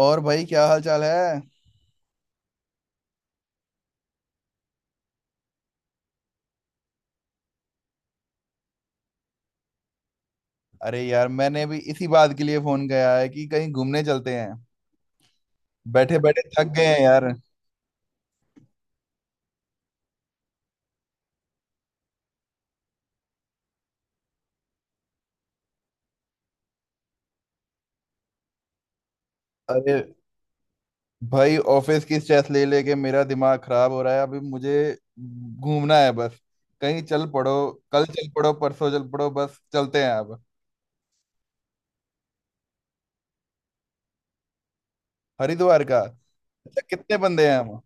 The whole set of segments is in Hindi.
और भाई, क्या हाल चाल है? अरे यार, मैंने भी इसी बात के लिए फोन किया है कि कहीं घूमने चलते हैं। बैठे बैठे थक गए हैं यार। अरे भाई, ऑफिस की स्ट्रेस ले लेके मेरा दिमाग खराब हो रहा है। अभी मुझे घूमना है बस। कहीं चल पड़ो, कल चल पड़ो, परसों चल पड़ो, बस चलते हैं अब। हरिद्वार का? अच्छा, कितने बंदे हैं हम?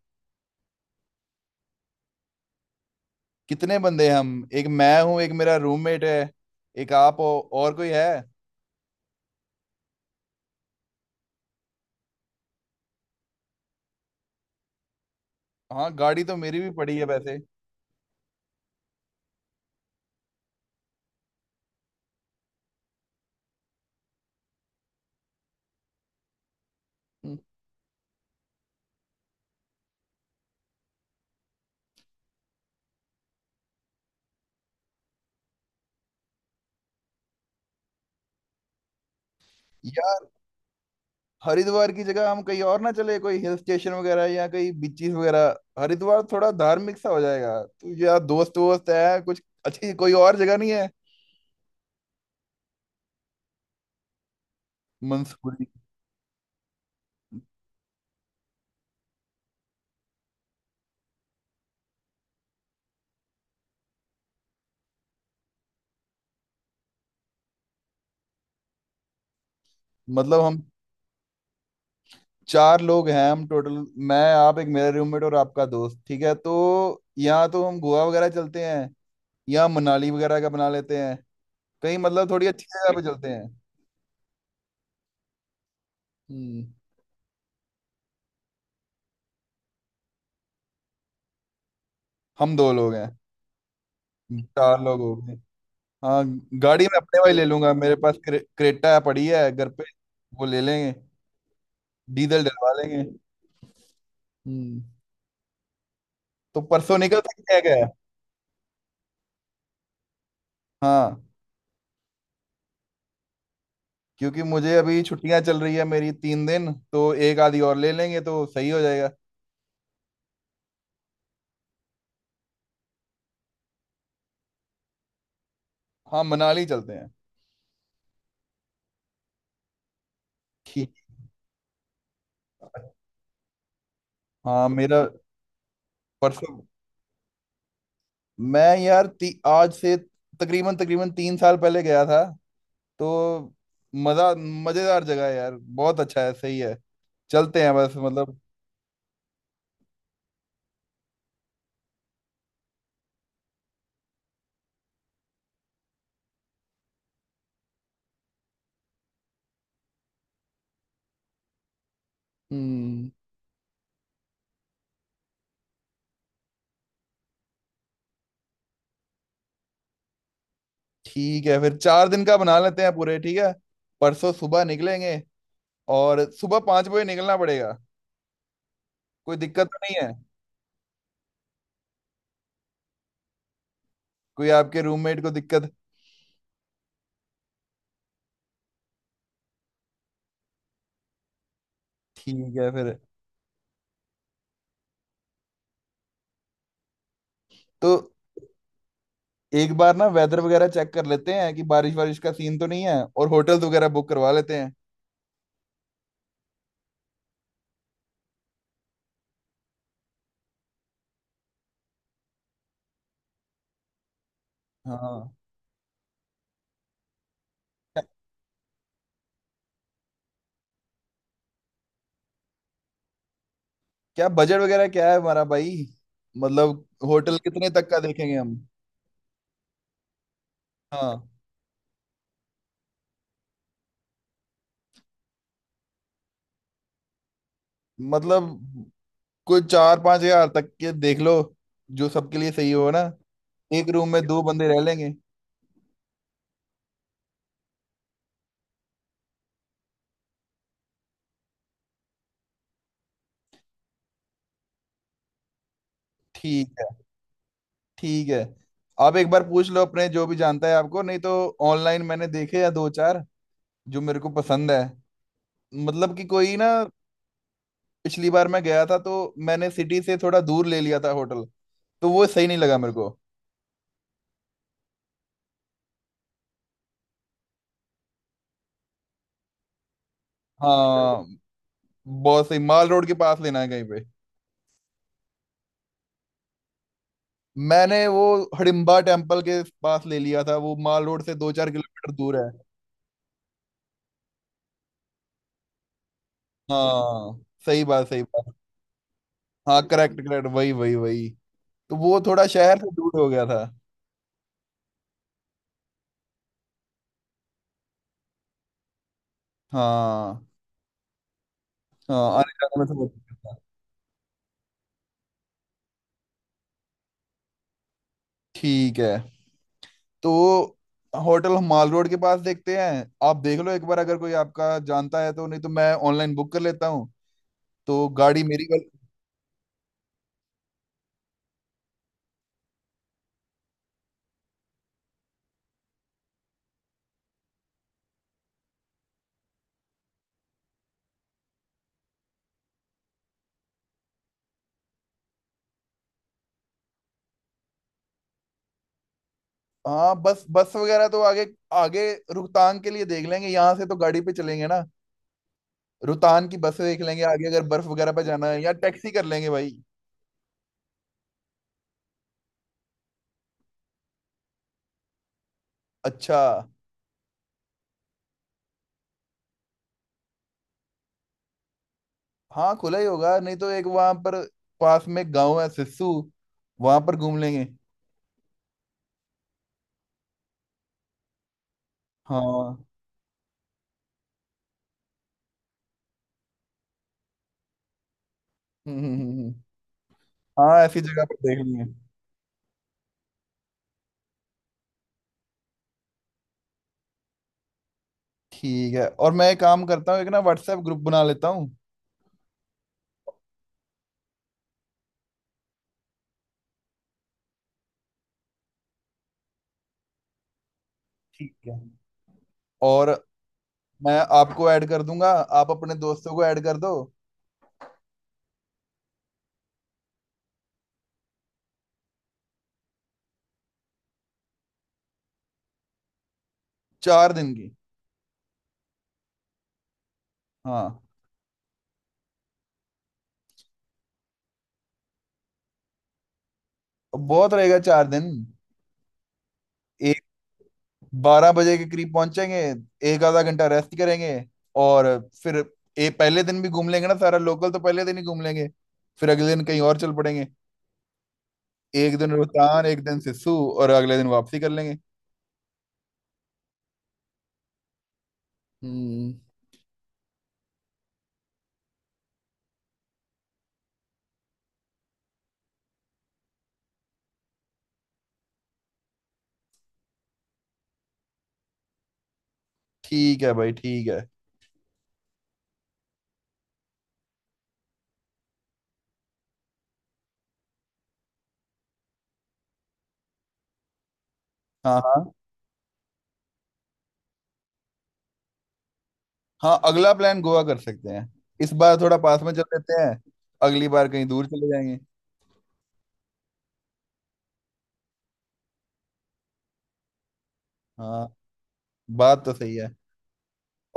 कितने बंदे हैं हम? एक मैं हूँ, एक मेरा रूममेट है। एक आप हो। और कोई है? हाँ, गाड़ी तो मेरी भी पड़ी है वैसे। हरिद्वार की जगह हम कहीं और ना चले? कोई हिल स्टेशन वगैरह, या कहीं बीचीज वगैरह। हरिद्वार थोड़ा धार्मिक सा हो जाएगा, तो यार, दोस्त वोस्त है, कुछ अच्छी कोई और जगह नहीं है? मंसूरी? मतलब हम। चार लोग हैं हम टोटल। मैं, आप, एक मेरा रूममेट और आपका दोस्त, ठीक है? तो यहाँ तो हम गोवा वगैरह चलते हैं, या मनाली वगैरह का बना लेते हैं। कहीं, मतलब थोड़ी अच्छी जगह पे चलते हैं। हम्म। हम दो लोग हैं। चार लोग हो गए। हाँ। गाड़ी मैं अपने वाली ले लूंगा, मेरे पास क्रेटा पड़ी है घर पे। वो ले लेंगे, डीजल डलवा लेंगे। हम्म। तो परसों निकल सकते हैं क्या? हाँ, क्योंकि मुझे अभी छुट्टियां चल रही है मेरी, 3 दिन, तो एक आधी और ले लेंगे तो सही हो जाएगा। हाँ, मनाली चलते हैं। ठीक। हाँ मेरा। परसों। मैं यार आज से तकरीबन तकरीबन 3 साल पहले गया था। तो मजा मजेदार जगह है यार। बहुत अच्छा है, सही है। चलते हैं बस, मतलब। हम्म। ठीक है, फिर 4 दिन का बना लेते हैं पूरे, ठीक है? परसों सुबह निकलेंगे। और सुबह 5 बजे निकलना पड़ेगा। कोई दिक्कत तो नहीं है? कोई आपके रूममेट को दिक्कत? ठीक है फिर। तो एक बार ना वेदर वगैरह चेक कर लेते हैं कि बारिश वारिश का सीन तो नहीं है, और होटल्स वगैरह बुक करवा लेते हैं। हाँ। क्या बजट वगैरह क्या है हमारा भाई? मतलब होटल कितने तक का देखेंगे हम? हाँ, मतलब कोई 4-5 हजार तक के देख लो, जो सबके लिए सही हो ना। एक रूम में दो बंदे रह लेंगे। ठीक है। ठीक है। आप एक बार पूछ लो अपने जो भी जानता है आपको, नहीं तो ऑनलाइन मैंने देखे या दो चार, जो मेरे को पसंद है। मतलब कि कोई ना। पिछली बार मैं गया था तो मैंने सिटी से थोड़ा दूर ले लिया था होटल, तो वो सही नहीं लगा मेरे को। हाँ, बहुत सही, माल रोड के पास लेना है कहीं पे। मैंने वो हडिम्बा टेम्पल के पास ले लिया था, वो माल रोड से 2-4 किलोमीटर दूर है। हाँ, सही बात, सही बात। हाँ, करेक्ट, करेक्ट, वही वही वही। तो वो थोड़ा शहर से दूर हो गया था। हाँ हाँ। आने जाने में तो। ठीक है। तो होटल हम माल रोड के पास देखते हैं, आप देख लो एक बार अगर कोई आपका जानता है तो, नहीं तो मैं ऑनलाइन बुक कर लेता हूँ। तो गाड़ी मेरी गल। हाँ, बस बस वगैरह तो आगे, आगे रोहतांग के लिए देख लेंगे, यहाँ से तो गाड़ी पे चलेंगे ना। रोहतांग की बस देख लेंगे आगे, अगर बर्फ वगैरह पे जाना है या टैक्सी कर लेंगे भाई। अच्छा। हाँ, खुला ही होगा, नहीं तो एक वहां पर पास में गाँव है सिस्सू, वहां पर घूम लेंगे। हाँ, हम्म। हम्म, हम्म, हम्म। हाँ, ऐसी जगह पर देख लेंगे। ठीक है, और मैं एक काम करता हूँ, एक ना व्हाट्सएप ग्रुप बना लेता हूँ। ठीक है। और मैं आपको ऐड कर दूंगा, आप अपने दोस्तों को ऐड कर दो। 4 दिन की। हाँ, बहुत रहेगा 4 दिन। एक, 12 बजे के करीब पहुंचेंगे। एक आधा घंटा रेस्ट करेंगे। और फिर ए पहले दिन भी घूम लेंगे ना, सारा लोकल तो पहले दिन ही घूम लेंगे। फिर अगले दिन कहीं और चल पड़ेंगे। एक दिन रोहतान, एक दिन सिस्सू, और अगले दिन वापसी कर लेंगे। हम्म। ठीक है भाई, ठीक है। हाँ हाँ। हाँ, अगला प्लान गोवा कर सकते हैं। इस बार थोड़ा पास में चल लेते हैं। अगली बार कहीं दूर चले जाएंगे। हाँ, बात तो सही है।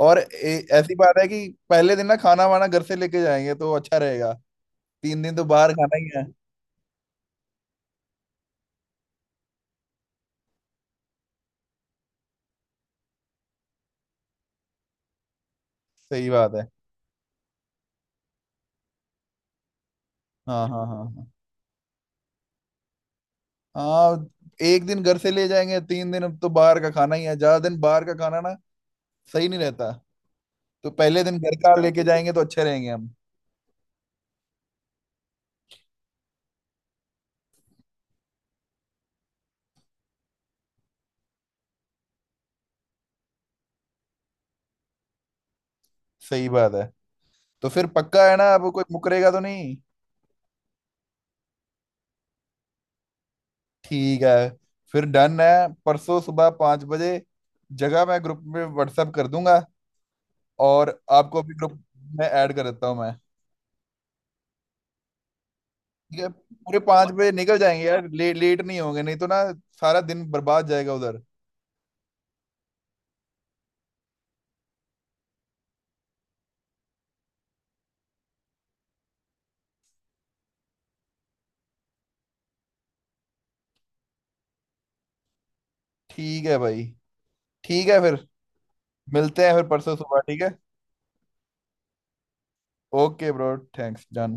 और ऐसी बात है कि पहले दिन ना खाना वाना घर से लेके जाएंगे तो अच्छा रहेगा। तीन दिन तो बाहर खाना ही है। सही बात है। हाँ हाँ हाँ हाँ। हाँ, एक दिन घर से ले जाएंगे, 3 दिन अब तो बाहर का खाना ही है, ज्यादा दिन बाहर का खाना ना सही नहीं रहता। तो पहले दिन घर का लेके जाएंगे तो अच्छे रहेंगे हम। सही बात है। तो फिर पक्का है ना, अब कोई मुकरेगा तो नहीं? ठीक है, फिर डन है। परसों सुबह 5 बजे। जगह मैं ग्रुप में व्हाट्सएप कर दूंगा। और आपको भी ग्रुप में ऐड कर देता हूँ मैं। ठीक है, पूरे 5 बजे निकल जाएंगे यार, लेट नहीं होंगे नहीं तो ना सारा दिन बर्बाद जाएगा उधर। ठीक है भाई, ठीक है, फिर मिलते हैं फिर परसों सुबह, ठीक है? Okay bro, thanks, done.